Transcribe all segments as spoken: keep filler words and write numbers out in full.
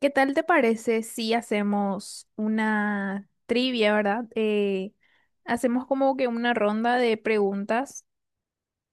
¿Qué tal te parece si hacemos una trivia, ¿verdad? Eh, hacemos como que una ronda de preguntas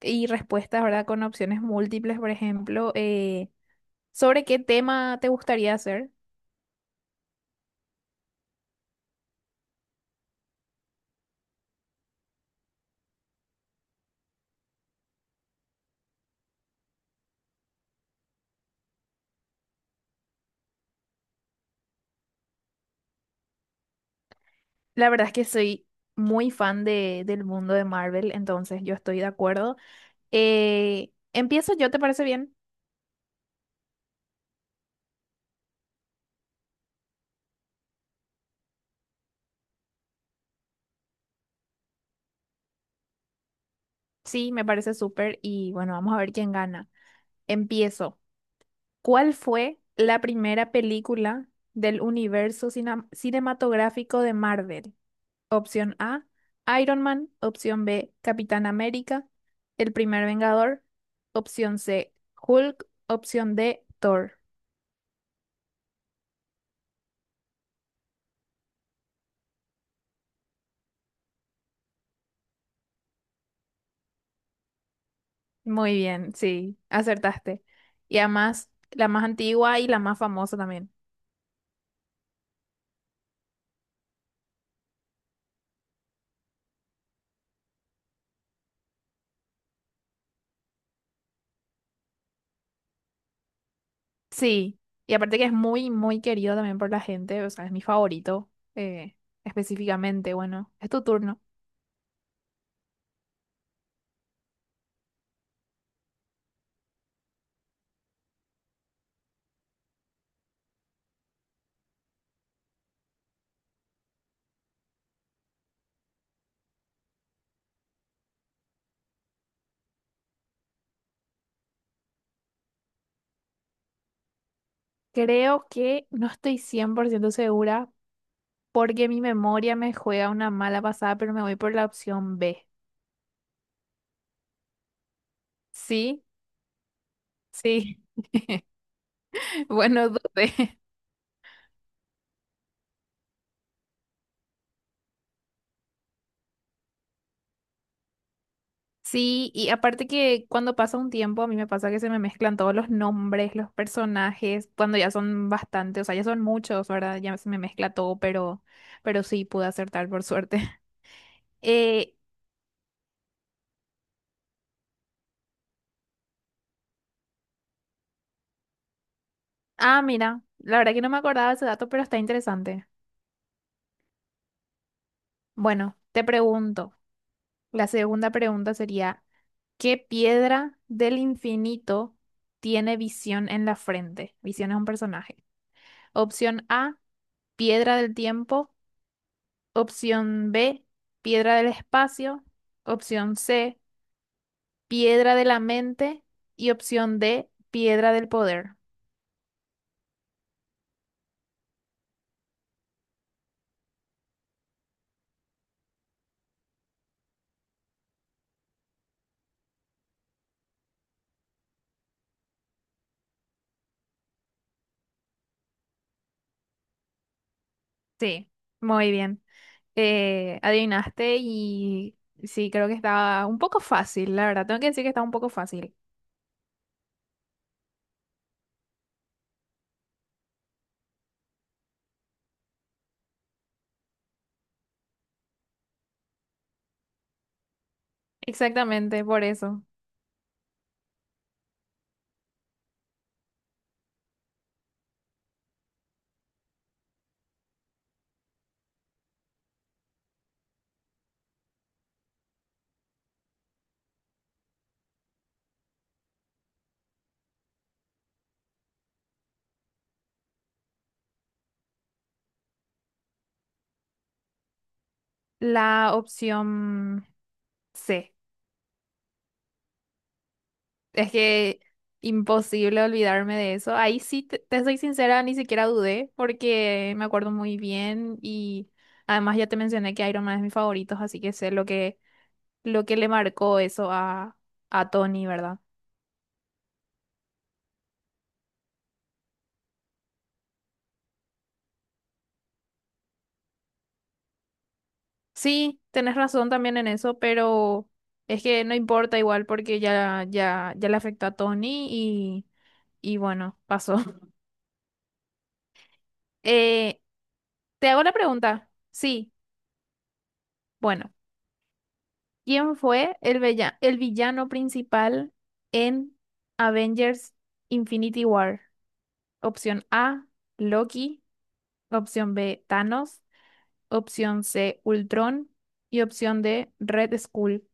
y respuestas, ¿verdad? Con opciones múltiples, por ejemplo, eh, sobre qué tema te gustaría hacer. La verdad es que soy muy fan de, del mundo de Marvel, entonces yo estoy de acuerdo. Eh, empiezo yo, ¿te parece bien? Sí, me parece súper y bueno, vamos a ver quién gana. Empiezo. ¿Cuál fue la primera película del universo cina- cinematográfico de Marvel? Opción A, Iron Man. Opción B, Capitán América. El primer Vengador. Opción C, Hulk. Opción D, Thor. Muy bien, sí, acertaste. Y además, la más antigua y la más famosa también. Sí, y aparte que es muy, muy querido también por la gente, o sea, es mi favorito, eh, específicamente. Bueno, es tu turno. Creo que no estoy cien por ciento segura porque mi memoria me juega una mala pasada, pero me voy por la opción B. Sí, sí, bueno, dudé. Sí, y aparte que cuando pasa un tiempo, a mí me pasa que se me mezclan todos los nombres, los personajes, cuando ya son bastantes, o sea, ya son muchos, ¿verdad? Ya se me mezcla todo, pero, pero sí pude acertar por suerte. Eh, ah, mira, la verdad que no me acordaba de ese dato, pero está interesante. Bueno, te pregunto, la segunda pregunta sería... ¿Qué piedra del infinito tiene visión en la frente? Visión es un personaje. Opción A, piedra del tiempo. Opción B, piedra del espacio. Opción C, piedra de la mente. Y opción D, piedra del poder. Sí, muy bien. Eh, adivinaste y sí, creo que estaba un poco fácil, la verdad. Tengo que decir que estaba un poco fácil. Exactamente, por eso. La opción C. Es que imposible olvidarme de eso. Ahí sí, te, te soy sincera, ni siquiera dudé porque me acuerdo muy bien y además ya te mencioné que Iron Man es mi favorito, así que sé lo que, lo que le marcó eso a, a Tony, ¿verdad? Sí, tenés razón también en eso, pero es que no importa igual porque ya, ya, ya le afectó a Tony y, y bueno, pasó. Eh, Te hago la pregunta. Sí, bueno. ¿Quién fue el, vella- el villano principal en Avengers Infinity War? Opción A, Loki. Opción B, Thanos. Opción C, Ultron. Y opción D, Red Skull.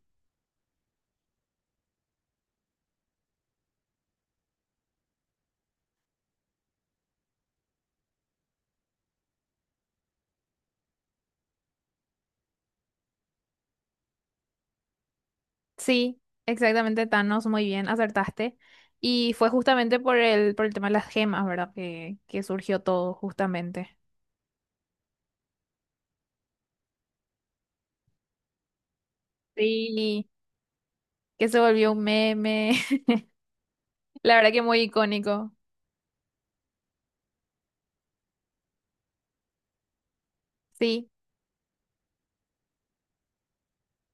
Sí, exactamente Thanos, muy bien, acertaste. Y fue justamente por el, por el tema de las gemas, ¿verdad? Que, que surgió todo justamente. Sí, que se volvió un meme. La verdad que muy icónico. Sí,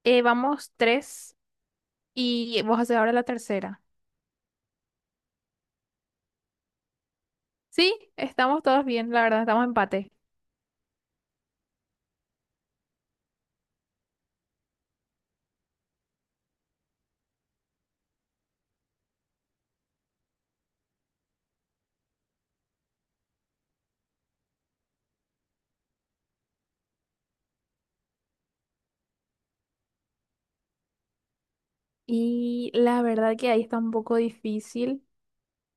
Eh, vamos tres. Y vos haces ahora la tercera. Sí, estamos todos bien, la verdad, estamos empate. Y la verdad que ahí está un poco difícil.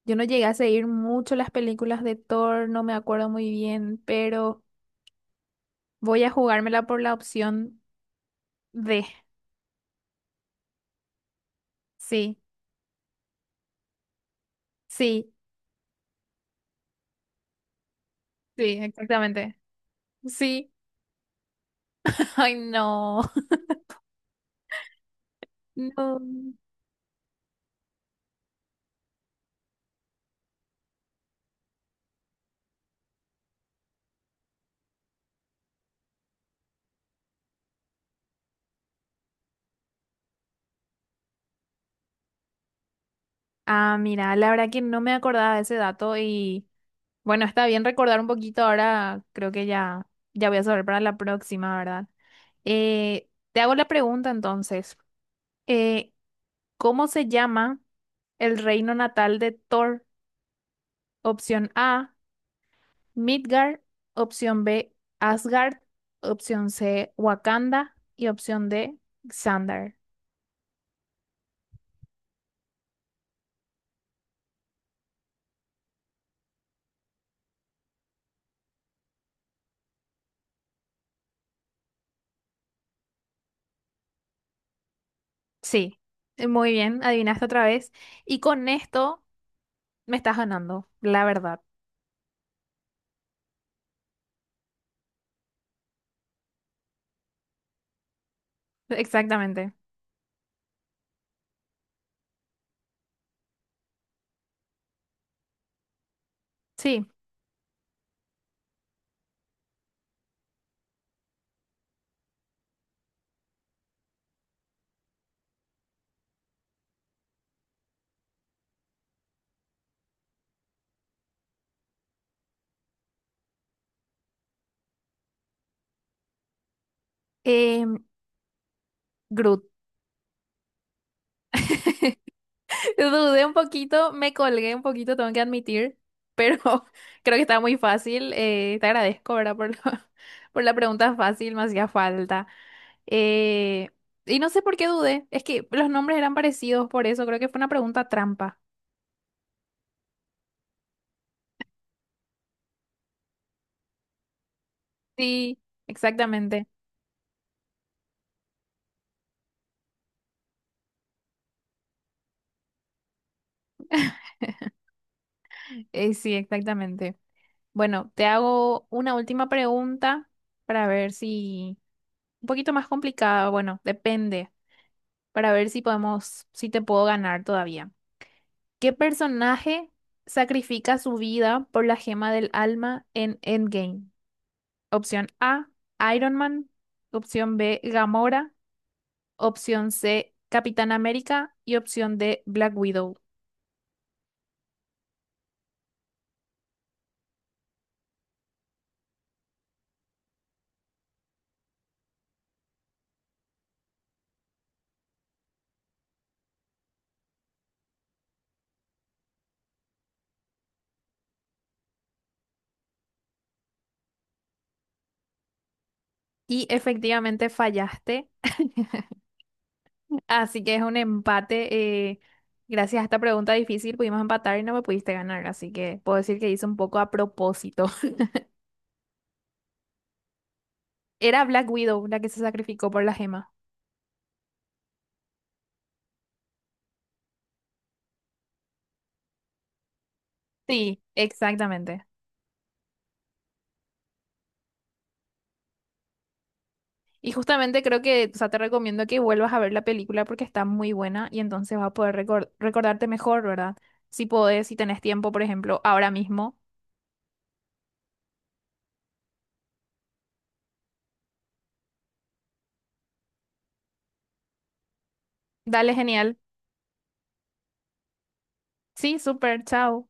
Yo no llegué a seguir mucho las películas de Thor, no me acuerdo muy bien, pero voy a jugármela por la opción D. Sí, sí, sí, exactamente. Sí. Ay, no. No. Ah, mira, la verdad que no me acordaba de ese dato y bueno, está bien recordar un poquito ahora, creo que ya, ya voy a saber para la próxima, ¿verdad? Eh, te hago la pregunta entonces. Eh, ¿cómo se llama el reino natal de Thor? Opción A, Midgard, opción B, Asgard, opción C, Wakanda y opción D, Xandar. Sí, eh, muy bien, adivinaste otra vez. Y con esto me estás ganando, la verdad. Exactamente. Sí. Eh, Dudé un poquito, me colgué un poquito, tengo que admitir, pero creo que está muy fácil. Eh, te agradezco, ¿verdad? Por la, por la pregunta fácil, me hacía falta. Eh, y no sé por qué dudé, es que los nombres eran parecidos, por eso creo que fue una pregunta trampa. Sí, exactamente. Eh, sí, exactamente. Bueno, te hago una última pregunta para ver si... Un poquito más complicada, bueno, depende, para ver si podemos, si te puedo ganar todavía. ¿Qué personaje sacrifica su vida por la gema del alma en Endgame? Opción A, Iron Man. Opción B, Gamora. Opción C, Capitán América. Y opción D, Black Widow. Y efectivamente fallaste. Así que es un empate. Eh, gracias a esta pregunta difícil pudimos empatar y no me pudiste ganar. Así que puedo decir que hice un poco a propósito. Era Black Widow la que se sacrificó por la gema. Sí, exactamente. Y justamente creo que, o sea, te recomiendo que vuelvas a ver la película porque está muy buena y entonces vas a poder recor- recordarte mejor, ¿verdad? Si podés, si tenés tiempo, por ejemplo, ahora mismo. Dale, genial. Sí, súper, chao.